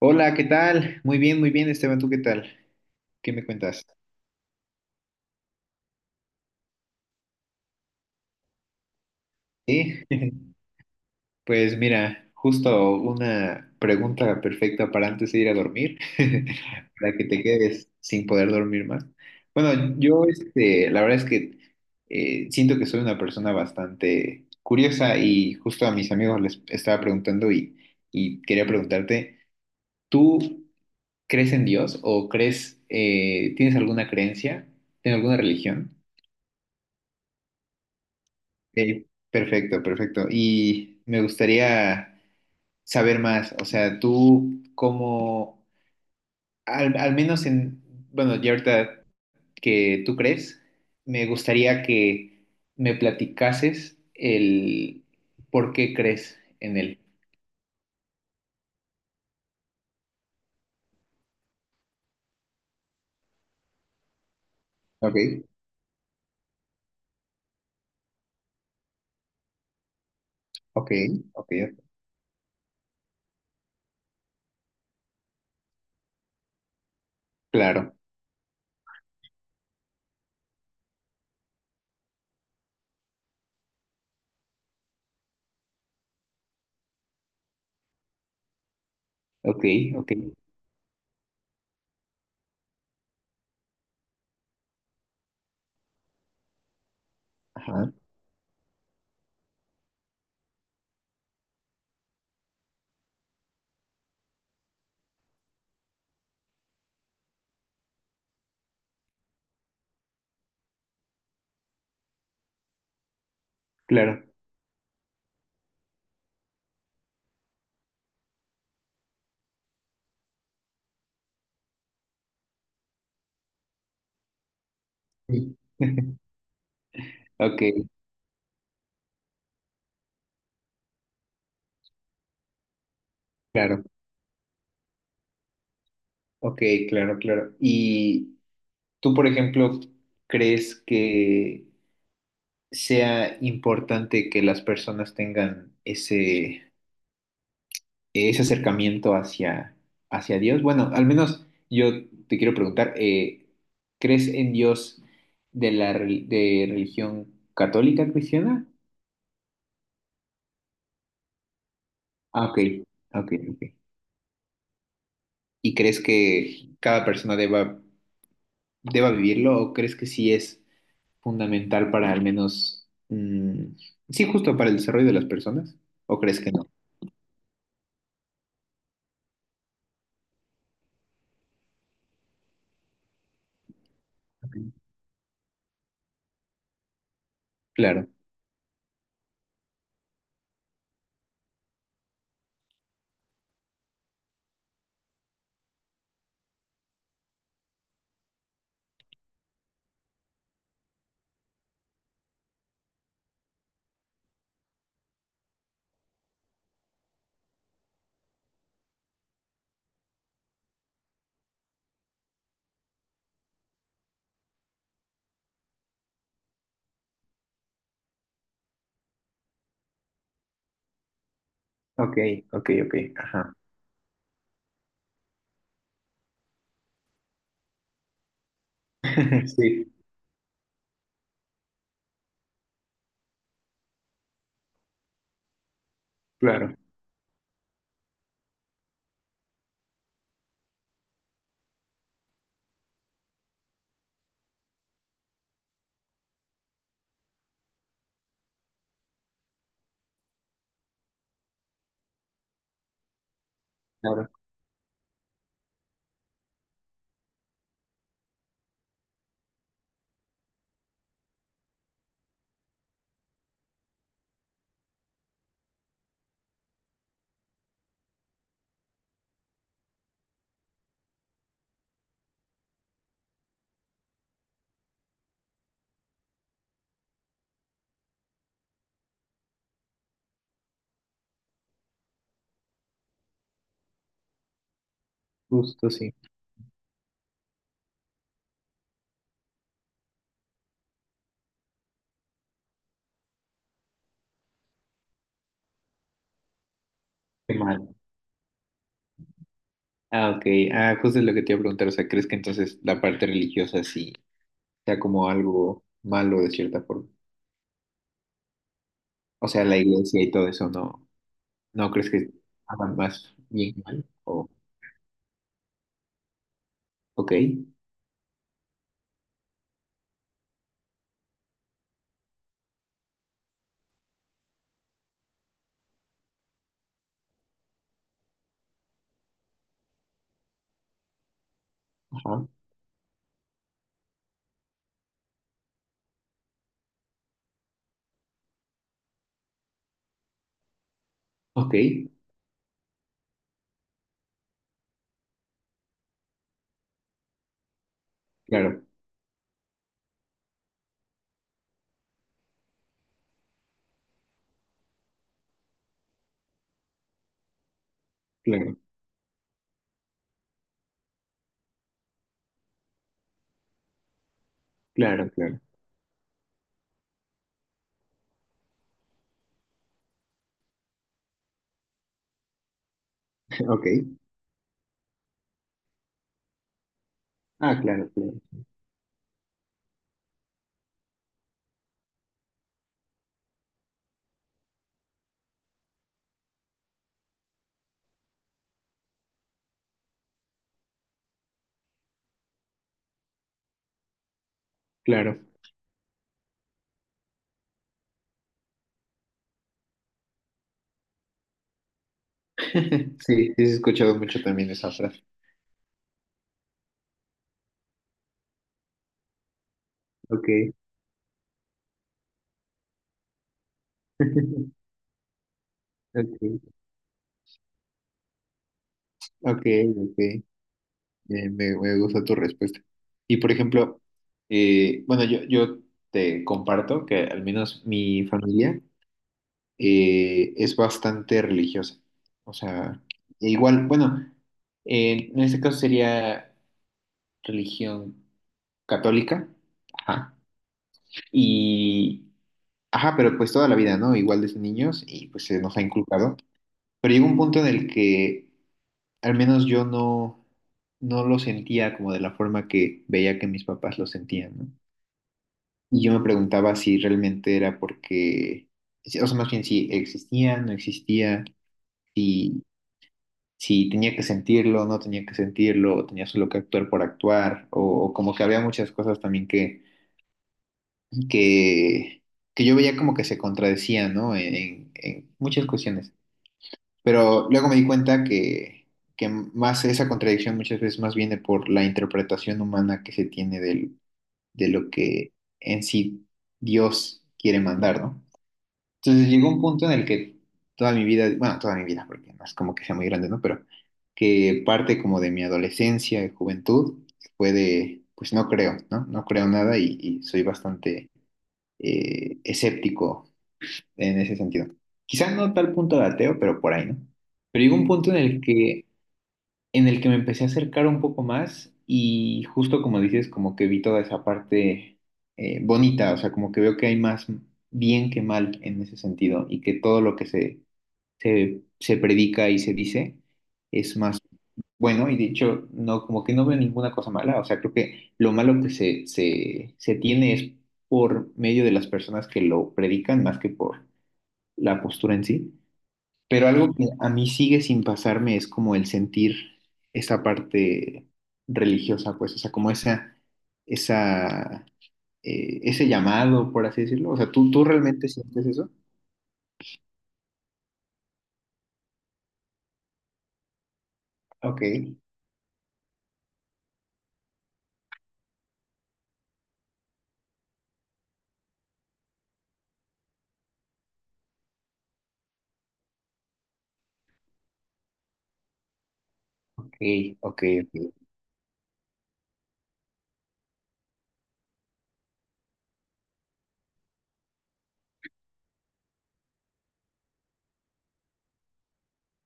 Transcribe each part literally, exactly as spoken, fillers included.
Hola, ¿qué tal? Muy bien, muy bien, Esteban, ¿tú qué tal? ¿Qué me cuentas? Sí. Pues mira, justo una pregunta perfecta para antes de ir a dormir, para que te quedes sin poder dormir más. Bueno, yo este, la verdad es que eh, siento que soy una persona bastante curiosa y justo a mis amigos les estaba preguntando y, y quería preguntarte, ¿tú crees en Dios o crees, eh, tienes alguna creencia, tienes alguna religión? Ok, perfecto, perfecto. Y me gustaría saber más, o sea, tú cómo al, al menos en, bueno, ya ahorita que tú crees, me gustaría que me platicases el por qué crees en él. Ok, ok, ok, claro, ok, ok, ajá, claro. Sí. Ok, claro, ok, claro, claro. Y tú, por ejemplo, ¿crees que sea importante que las personas tengan ese, ese acercamiento hacia, hacia Dios? Bueno, al menos yo te quiero preguntar, eh, ¿crees en Dios de la re- de religión católica cristiana? Ah, ok, ok, ok. ¿Y crees que cada persona deba, deba vivirlo o crees que sí es fundamental para al menos, mm, sí, justo para el desarrollo de las personas? ¿O crees que no? Ok. Claro. Ok, ok, ok. Ajá. Sí, claro, claro, justo sí. Qué mal. Ah, ok. Ah, justo es lo que te iba a preguntar. O sea, ¿crees que entonces la parte religiosa sí sea como algo malo de cierta forma? O sea, la iglesia y todo eso, ¿no? ¿No crees que hagan más bien que mal? O, ok, ajá, ok, claro, claro, claro, claro, ok. Ah, claro, claro, claro. Sí, sí, he escuchado mucho también esa frase. Ok, ok, ok, ok. Eh, me, me gusta tu respuesta. Y por ejemplo, eh, bueno, yo, yo te comparto que al menos mi familia eh, es bastante religiosa. O sea, igual, bueno, eh, en este caso sería religión católica. Ajá. Y, ajá, pero pues toda la vida, ¿no? Igual desde niños y pues se nos ha inculcado. Pero llega un punto en el que al menos yo no, no lo sentía como de la forma que veía que mis papás lo sentían, ¿no? Y yo me preguntaba si realmente era porque, o sea, más bien si existía, no existía, si, si tenía que sentirlo, no tenía que sentirlo, o tenía solo que actuar por actuar, o, o como que había muchas cosas también que, que, que yo veía como que se contradecían, ¿no? En, en muchas cuestiones. Pero luego me di cuenta que, que más esa contradicción muchas veces más viene por la interpretación humana que se tiene del- de lo que en sí Dios quiere mandar, ¿no? Entonces llegó un punto en el que toda mi vida, bueno, toda mi vida, porque no es como que sea muy grande, ¿no? Pero que parte como de mi adolescencia y juventud fue de, pues no creo, ¿no? No creo nada y, y soy bastante eh, escéptico en ese sentido. Quizás no tal punto de ateo, pero por ahí, ¿no? Pero llegó un punto en el que, en el que me empecé a acercar un poco más y justo como dices, como que vi toda esa parte eh, bonita, o sea, como que veo que hay más bien que mal en ese sentido y que todo lo que se, se, se predica y se dice es más bueno y de hecho, no, como que no veo ninguna cosa mala, o sea, creo que lo malo que se, se, se tiene es por medio de las personas que lo predican más que por la postura en sí. Pero algo que a mí sigue sin pasarme es como el sentir esa parte religiosa, pues, o sea, como esa, esa, eh, ese llamado, por así decirlo. O sea, ¿tú, tú realmente sientes eso? Ok, ok, ok, ok.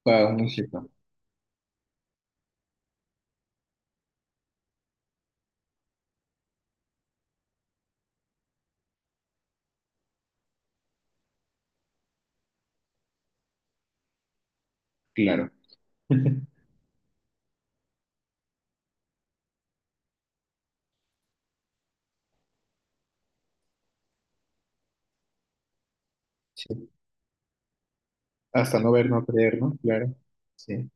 Wow, no es cierto. Claro. Sí. Hasta no ver, no creer, ¿no? Claro. Sí,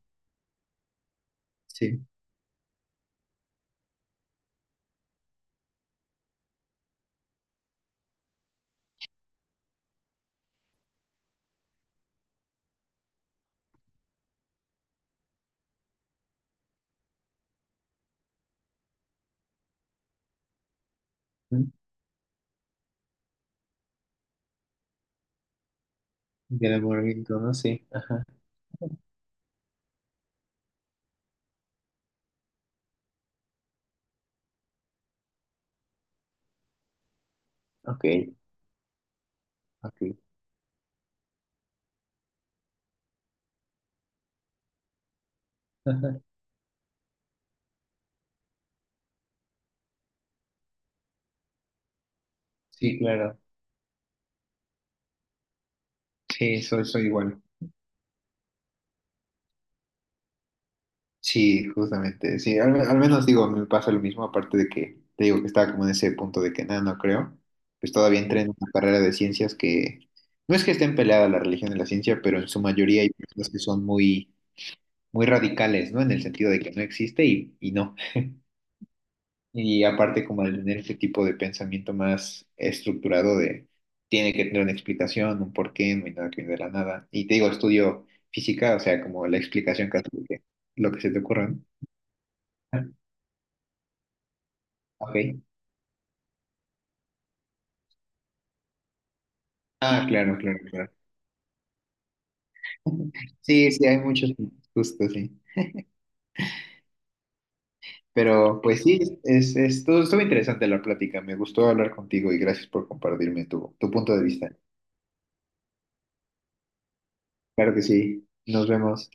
sí. Mm. Del amor, no sí. Ajá. Ok, ok. Ajá. Sí, claro. Sí, soy, soy igual. Sí, justamente, sí, al, al menos digo, me pasa lo mismo, aparte de que te digo que estaba como en ese punto de que nada, no creo, pues todavía entré en una carrera de ciencias que no es que estén peleadas la religión y la ciencia, pero en su mayoría hay personas que son muy, muy radicales, ¿no? En el sentido de que no existe y, y no. Y aparte como de tener ese tipo de pensamiento más estructurado de tiene que tener una explicación, un porqué, no hay nada que viene de la nada. Y te digo, estudio física, o sea, como la explicación casi de lo que se te ocurra, ¿no? Ah, ok. Ah, claro, claro, claro. Sí, sí, hay muchos gustos, sí. Pero pues sí, es, es, estuvo, estuvo interesante la plática. Me gustó hablar contigo y gracias por compartirme tu, tu punto de vista. Claro que sí. Nos vemos.